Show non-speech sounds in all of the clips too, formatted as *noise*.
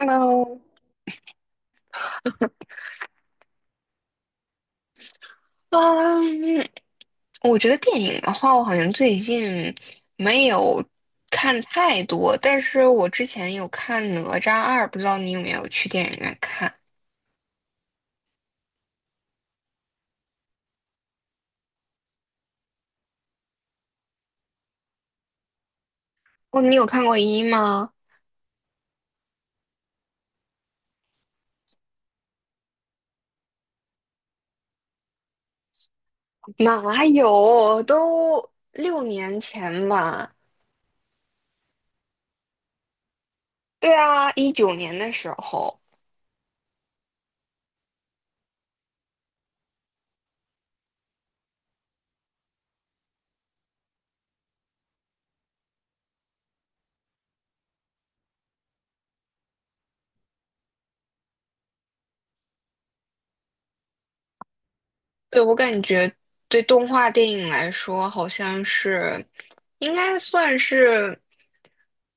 Hello，嗯，我觉得电影的话，我好像最近没有看太多，但是我之前有看《哪吒二》，不知道你有没有去电影院看？哦，你有看过一吗？哪有，都6年前吧。对啊，19年的时候。对，我感觉对动画电影来说，好像是应该算是，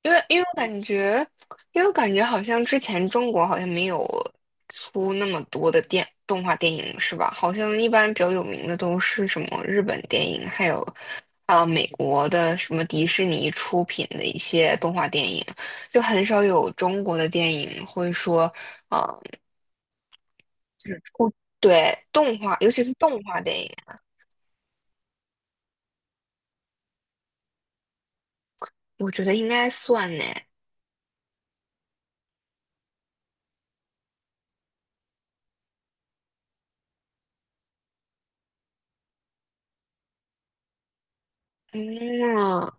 因为因为我感觉，因为我感觉好像之前中国好像没有出那么多的电动画电影，是吧？好像一般比较有名的都是什么日本电影，还有美国的什么迪士尼出品的一些动画电影，就很少有中国的电影会说啊，就是出对动画，尤其是动画电影。我觉得应该算呢。嗯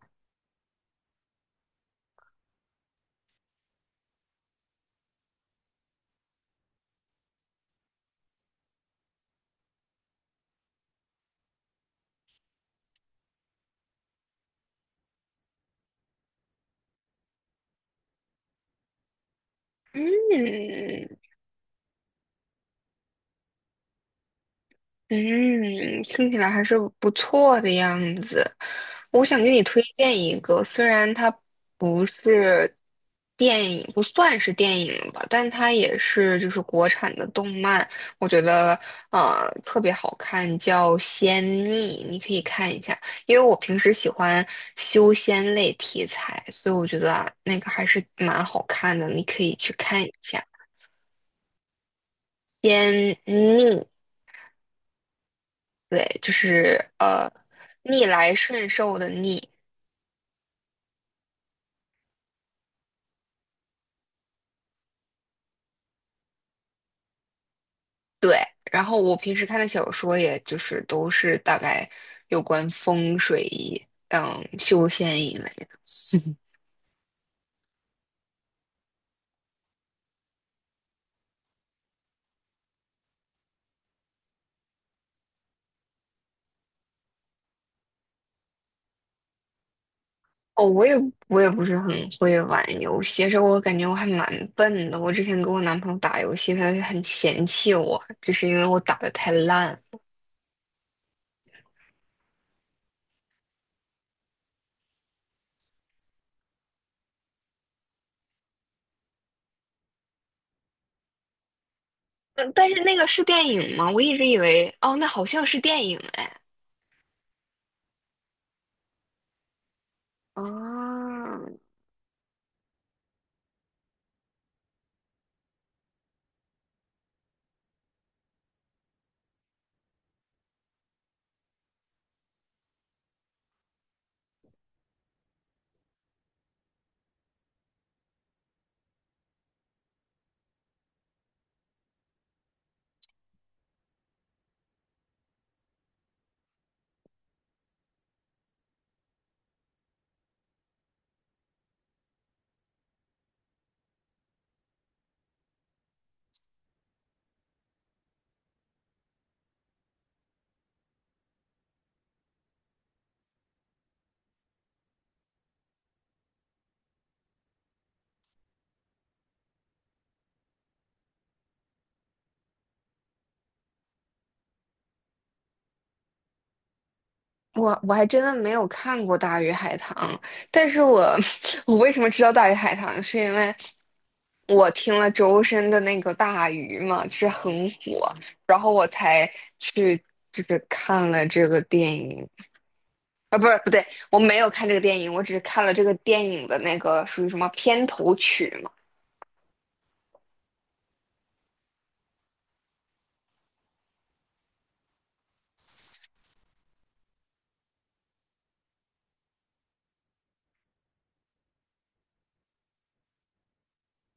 嗯嗯，听起来还是不错的样子。我想给你推荐一个，虽然它不是电影，不算是电影吧，但它也是就是国产的动漫，我觉得特别好看，叫《仙逆》，你可以看一下。因为我平时喜欢修仙类题材，所以我觉得啊那个还是蛮好看的，你可以去看一下。偏逆，对，就是逆来顺受的逆，对。然后我平时看的小说，也就是都是大概有关风水、嗯修仙一类的。*laughs* 哦，我也不是很会玩游戏，其实我感觉我还蛮笨的。我之前跟我男朋友打游戏，他就很嫌弃我，就是因为我打的太烂。嗯，但是那个是电影吗？我一直以为，哦，那好像是电影哎。啊，我我还真的没有看过《大鱼海棠》，但是我 *laughs* 我为什么知道《大鱼海棠》，是因为我听了周深的那个《大鱼》嘛，是很火，然后我才去就是看了这个电影啊，不是不对，我没有看这个电影，我只是看了这个电影的那个属于什么片头曲嘛。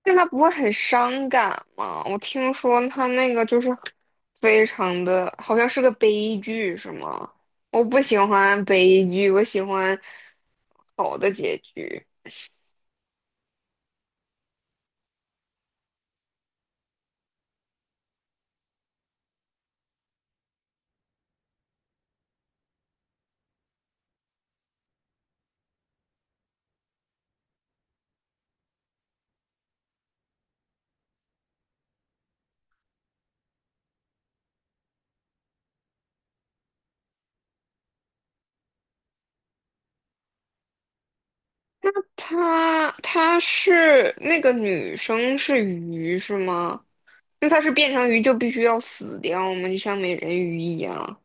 但他不会很伤感吗？我听说他那个就是非常的，好像是个悲剧，是吗？我不喜欢悲剧，我喜欢好的结局。他是那个女生是鱼是吗？那他是变成鱼就必须要死掉吗？就像美人鱼一样？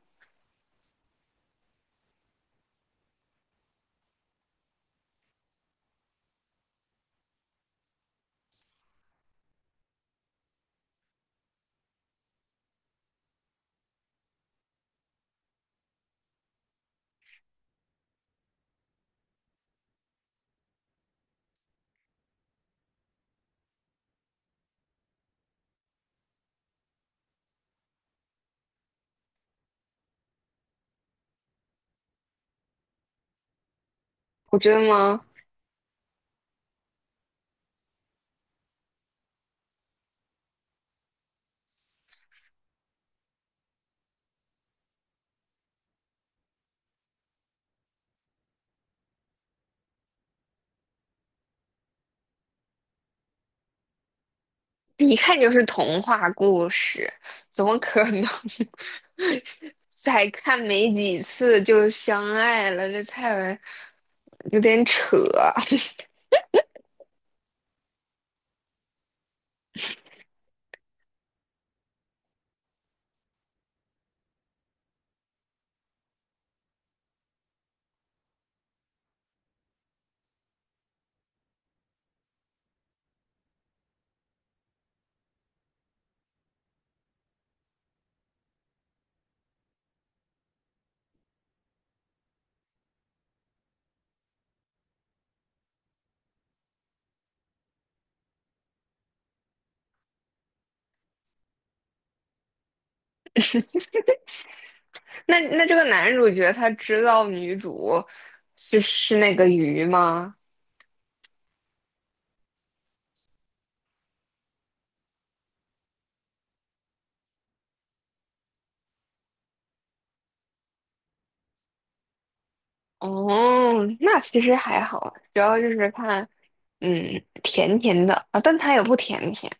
我真的吗？一看就是童话故事，怎么可能 *laughs* 才看没几次就相爱了？这太为有点扯。*laughs* 那这个男主角他知道女主是那个鱼吗？哦，那其实还好，主要就是看，嗯，甜甜的啊，但他也不甜甜。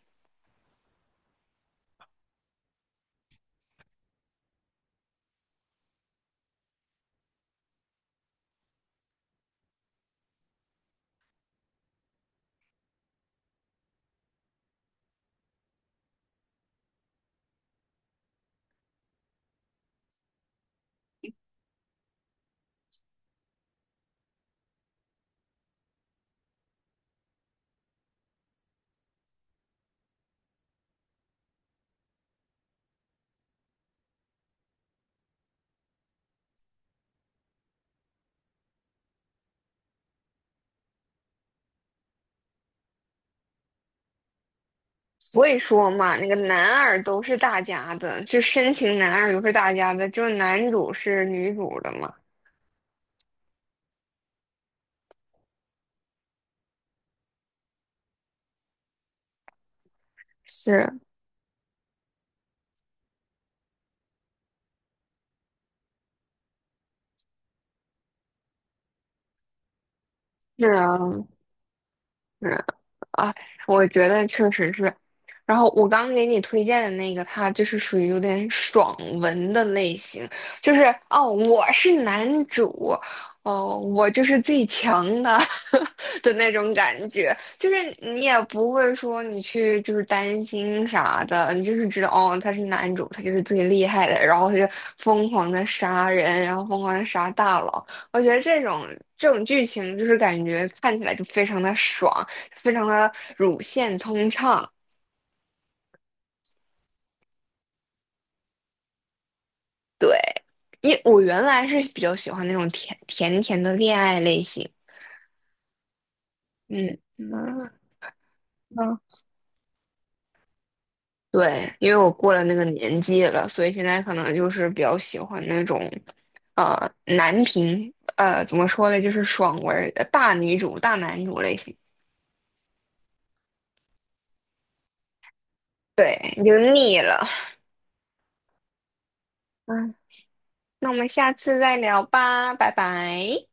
所以说嘛，那个男二都是大家的，就深情男二都是大家的，就是男主是女主的嘛。是是啊，是啊啊，我觉得确实是。然后我刚给你推荐的那个，它就是属于有点爽文的类型，就是哦，我是男主，哦，我就是最强的 *laughs* 的那种感觉，就是你也不会说你去就是担心啥的，你就是知道哦，他是男主，他就是最厉害的，然后他就疯狂的杀人，然后疯狂的杀大佬，我觉得这种剧情就是感觉看起来就非常的爽。非常的乳腺通畅。对，因我原来是比较喜欢那种甜甜甜的恋爱类型。嗯嗯嗯，对，因为我过了那个年纪了，所以现在可能就是比较喜欢那种，男频，怎么说呢，就是爽文儿大女主、大男主类型。对，你就腻了。嗯，那我们下次再聊吧，拜拜。